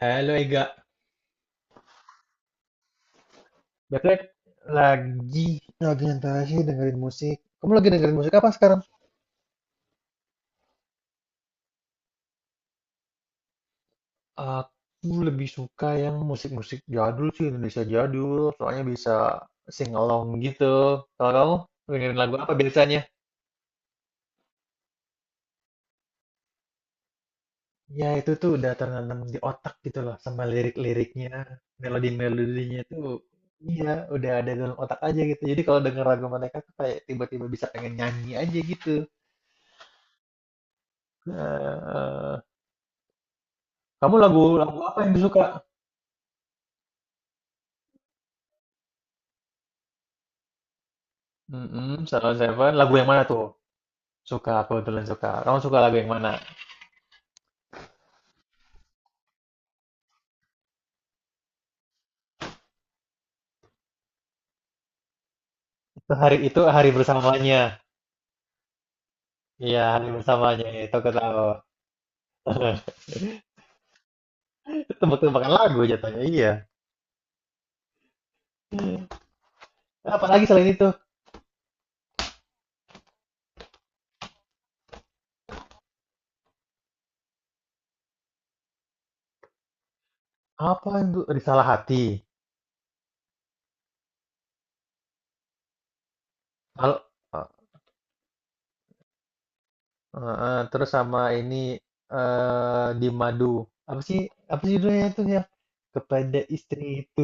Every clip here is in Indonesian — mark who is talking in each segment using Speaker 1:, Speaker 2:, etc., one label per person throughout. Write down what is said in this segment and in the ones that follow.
Speaker 1: Halo Ega. Biasanya lagi nyantai sih dengerin musik. Kamu lagi dengerin musik apa sekarang? Aku lebih suka yang musik-musik jadul sih, Indonesia jadul, soalnya bisa sing along gitu. Kalau kamu dengerin lagu apa biasanya? Ya itu tuh udah tertanam di otak gitu loh sama lirik-liriknya. Melodi-melodinya tuh iya udah ada dalam otak aja gitu. Jadi kalau denger lagu mereka tuh kayak tiba-tiba bisa pengen nyanyi aja gitu. Nah, kamu lagu lagu apa yang disuka? Mm-mm, Salon Seven. Lagu yang mana tuh? Suka, aku kebetulan suka. Kamu suka lagu yang mana? Itu hari bersamanya. Iya, hari bersamanya. Itu aku tahu. Tebak-tebakan lagu jatuhnya. Iya. Apalagi selain itu? Apa yang tuh? Di Hati. Kalau terus sama ini di Madu. Apa sih? Apa sih judulnya itu ya? Kepada istri itu.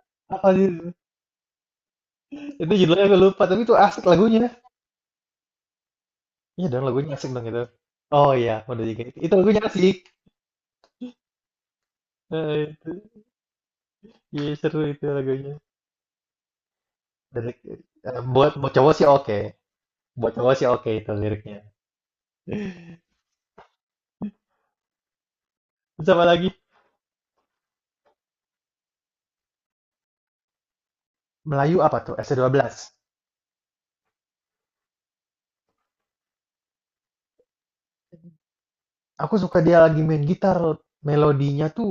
Speaker 1: Apa sih? Itu judulnya aku lupa, tapi itu asik lagunya. Iya dong lagunya asik dong itu. Oh iya, udah juga itu. Itu lagunya asik. Itu, iya seru itu lagunya. Dari, buat buat cowok sih oke. Buat cowok sih oke itu liriknya. Terus apa lagi? Melayu apa tuh? S12. Aku suka dia lagi main gitar. Melodinya tuh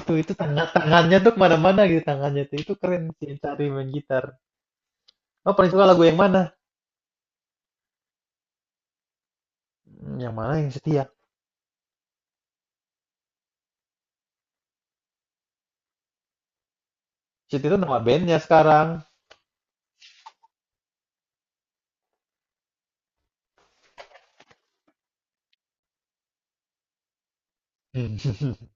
Speaker 1: itu tangan tangannya tuh kemana-mana gitu, tangannya tuh itu keren sih cari main gitar. Oh paling suka lagu yang mana? Yang mana yang setia? Setia itu nama bandnya sekarang.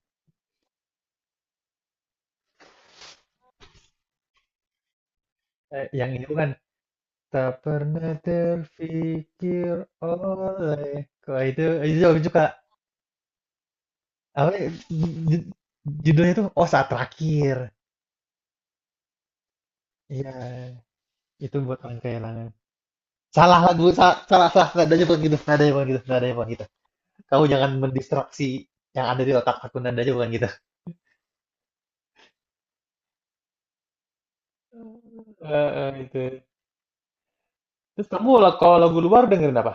Speaker 1: Yang itu kan tak pernah terfikir oleh, kok itu jauh juga, apa ya, ju- judulnya tuh, oh, saat terakhir, iya itu buat orang kehilangan, salah lagu, salah salah, salah nadanya, bukan gitu nadanya, bukan gitu nadanya, bukan gitu Kamu jangan mendistraksi yang ada di otak aku, nadanya bukan gitu. Itu, terus kamu lah kalau lagu luar dengerin apa?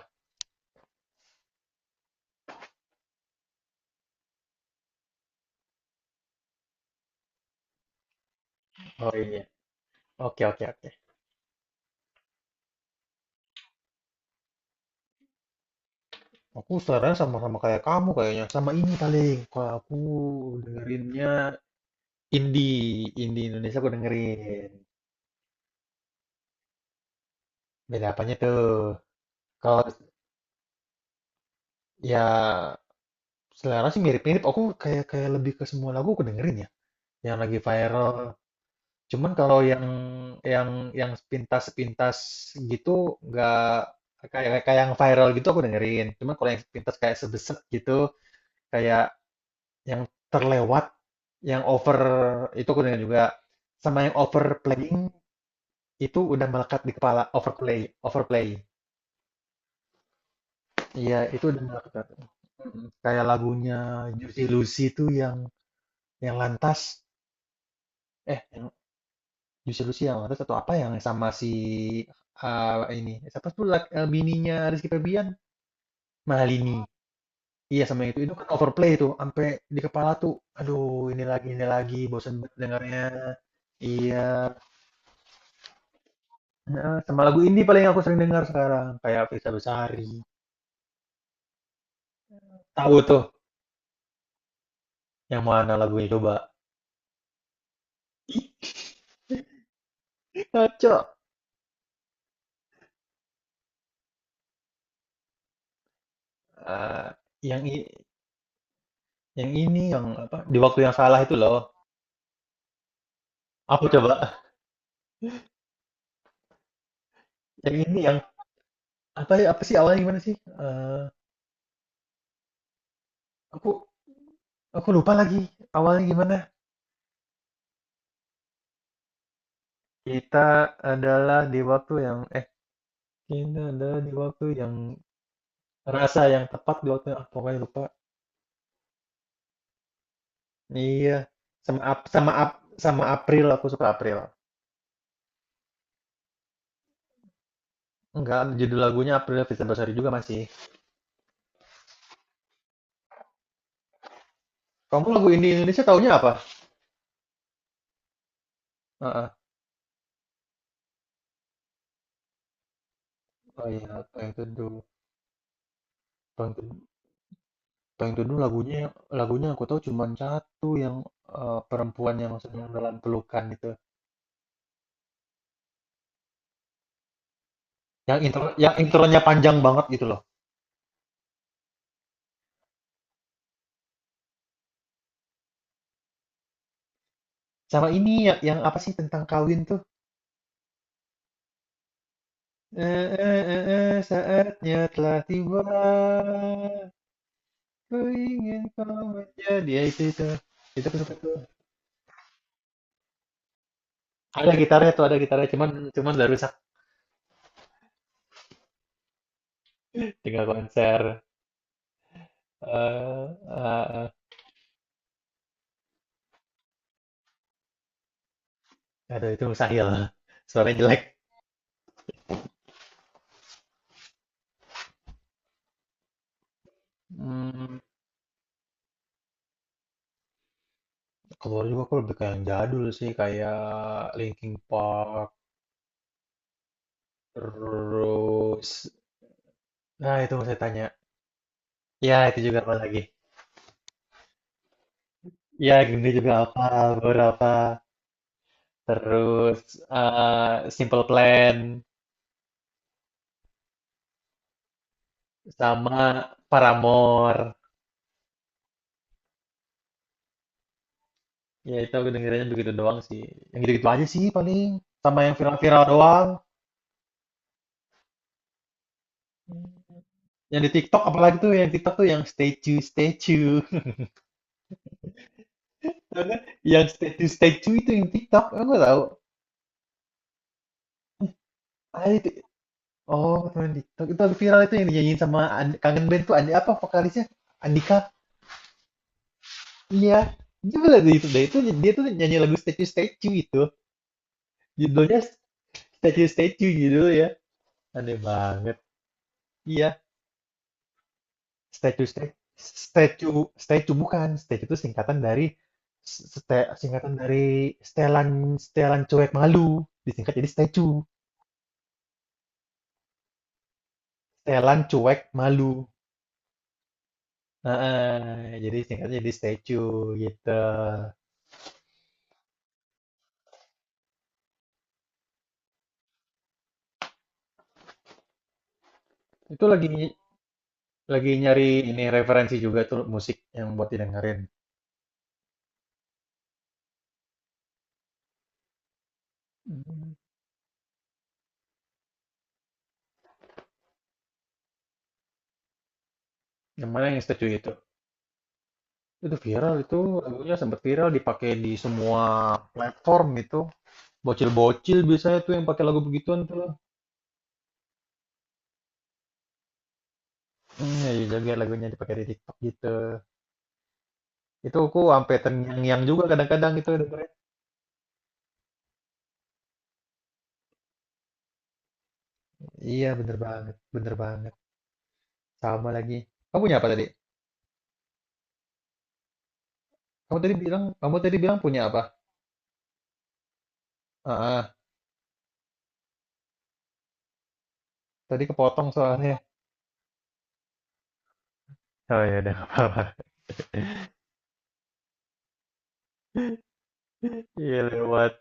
Speaker 1: Oh iya, oke, oke, oke. Aku saran sama-sama kayak kamu kayaknya sama ini paling kalau aku dengerinnya indie Indonesia aku dengerin. Beda apanya tuh? Kalau ya selera sih mirip-mirip. Aku kayak kayak lebih ke semua lagu aku dengerin ya, yang lagi viral. Cuman kalau yang yang sepintas-sepintas gitu, nggak kayak kayak yang viral gitu aku dengerin. Cuman kalau yang sepintas kayak sebeset gitu, kayak yang terlewat, yang over itu aku dengerin juga. Sama yang overplaying itu udah melekat di kepala, overplay, overplay. Iya, itu udah melekat. Kayak lagunya Juicy Lucy itu, yang lantas, yang Juicy Lucy yang lantas atau apa yang sama si, ah, ini siapa tuh, bininya Rizky Febian, Malini. Iya sama yang itu kan overplay tuh sampai di kepala tuh, aduh ini lagi bosan banget dengarnya. Iya, nah, sama lagu indie paling aku sering dengar sekarang kayak Fisa Besari. Tahu tuh yang mana lagunya coba. Kacau. Eh, yang i- Yang ini yang apa di waktu yang salah itu loh. Aku coba? Yang ini yang apa ya, apa sih awalnya gimana sih? Eh aku aku lupa lagi awalnya gimana. Kita adalah di waktu yang eh kita adalah di waktu yang, rasa yang tepat di waktu yang, ah, pokoknya lupa. Iya, sama April aku suka April. Enggak, judul lagunya April Fitri Bersari juga masih. Kamu lagu indie Indonesia taunya apa? Heeh. Oh iya, Bang Teduh. Bang Teduh. Payung Teduh lagunya lagunya aku tahu cuman satu yang, perempuan yang sedang dalam pelukan itu. Yang intronya panjang banget gitu loh. Sama ini ya yang apa sih tentang kawin tuh, saatnya telah tiba, ku ingin kau menjadi, ya itu itu. Itu aku suka tuh. Ada gitarnya tuh, ada gitarnya cuman cuman udah rusak, tinggal konser, eee, heeh. Aduh itu mustahil, suaranya jelek. Mmm. Keluar juga aku lebih kayak yang jadul sih, kayak Linkin Park, terus. Nah, itu mau saya tanya. Ya, itu juga apa lagi? Ya, gini juga apa, beberapa. Terus eh, Simple Plan, sama Paramore. Ya, itu aku dengerinnya begitu doang sih. Yang gitu-gitu aja sih paling. Sama yang viral-viral doang. Yang di TikTok apalagi tuh, yang TikTok tuh yang statue, statue. Tau nggak? Yang statue, statue itu yang TikTok. Aku nggak tahu. Ah, itu, oh, teman TikTok. Itu aku viral itu yang dinyanyiin sama Kangen Band tuh, Andi apa vokalisnya? Andika. Iya. Gimana tuh itu? Nah, itu dia tuh nyanyi lagu Statue Statue itu. Judulnya Statue Statue judul ya. Aneh banget. Iya, Statue Statue Statue Statue bukan. Statue itu singkatan dari stelan stelan cuek malu. Disingkat jadi Statue. Stelan cuek malu. Heeh, jadi singkatnya jadi Statue gitu. Itu lagi nyari ini referensi juga tuh musik yang buat didengerin. Hmm. Yang mana yang setuju itu? Itu viral, itu lagunya sempat viral dipakai di semua platform itu. Bocil-bocil biasanya tuh yang pakai lagu begituan tuh. Ya juga lagunya dipakai di TikTok gitu. Itu aku sampai terngiang-ngiang juga, kadang-kadang itu dengerin. Iya bener banget, bener banget. Sama lagi. Kamu punya apa tadi? Kamu tadi bilang punya apa? Ah, ah, Tadi kepotong soalnya. Oh ya udah nggak apa-apa. Iya lewat.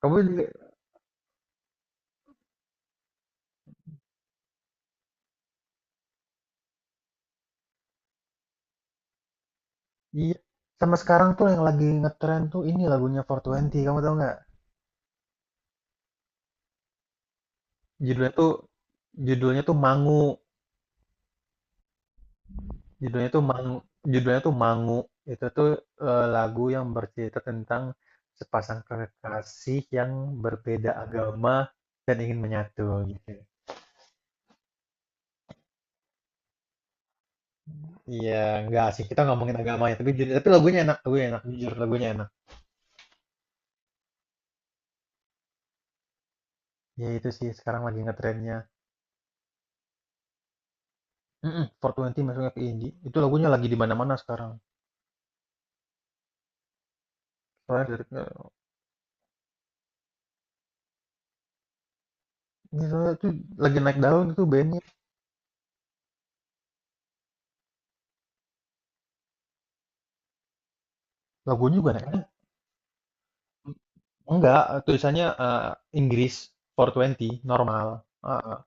Speaker 1: Kamu Iya, sama sekarang tuh yang lagi ngetren tuh ini lagunya 420, kamu tahu nggak? Judulnya tuh judulnya tuh Mangu, judulnya tuh Mangu, judulnya tuh Mangu. Itu tuh lagu yang bercerita tentang sepasang kekasih yang berbeda agama dan ingin menyatu gitu. Iya, nggak sih kita ngomongin agamanya, tapi tapi lagunya enak, jujur lagunya enak. Ya itu sih sekarang lagi ngetrennya. Mm-mm, 420 masuknya ke indie. Itu lagunya lagi di mana-mana sekarang. Soalnya dari- Ini soalnya tuh lagi naik daun itu bandnya. Lagunya juga naik daun. Enggak, tulisannya Inggris 420, normal. Ah, ah.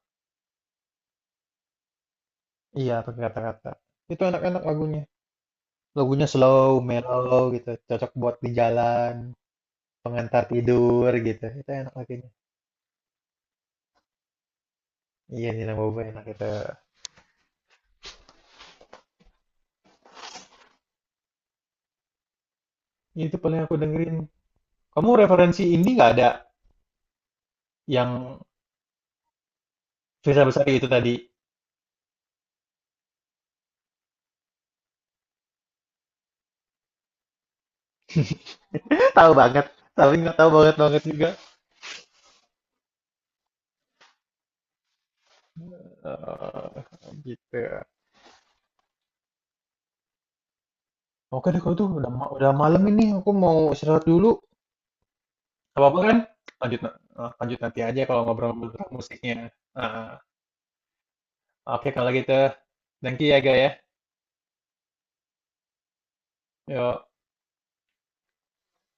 Speaker 1: Iya, pakai kata-kata. Itu enak-enak lagunya. Lagunya slow, mellow gitu. Cocok buat di jalan, pengantar tidur gitu. Itu enak lagunya. Iya, Nina Boba enak itu. Itu paling aku dengerin. Kamu referensi indie nggak ada yang Firza Besari itu tadi? Tahu banget. Tapi nggak tahu banget banget juga. Gitu. Oke deh kalau itu udah udah malam ini aku mau istirahat dulu. Gak apa-apa kan? Lanjut lanjut nanti aja kalau ngobrol-ngobrol tentang musiknya. Nah, oke kalau gitu. Thank you ya, Ga ya. Yo.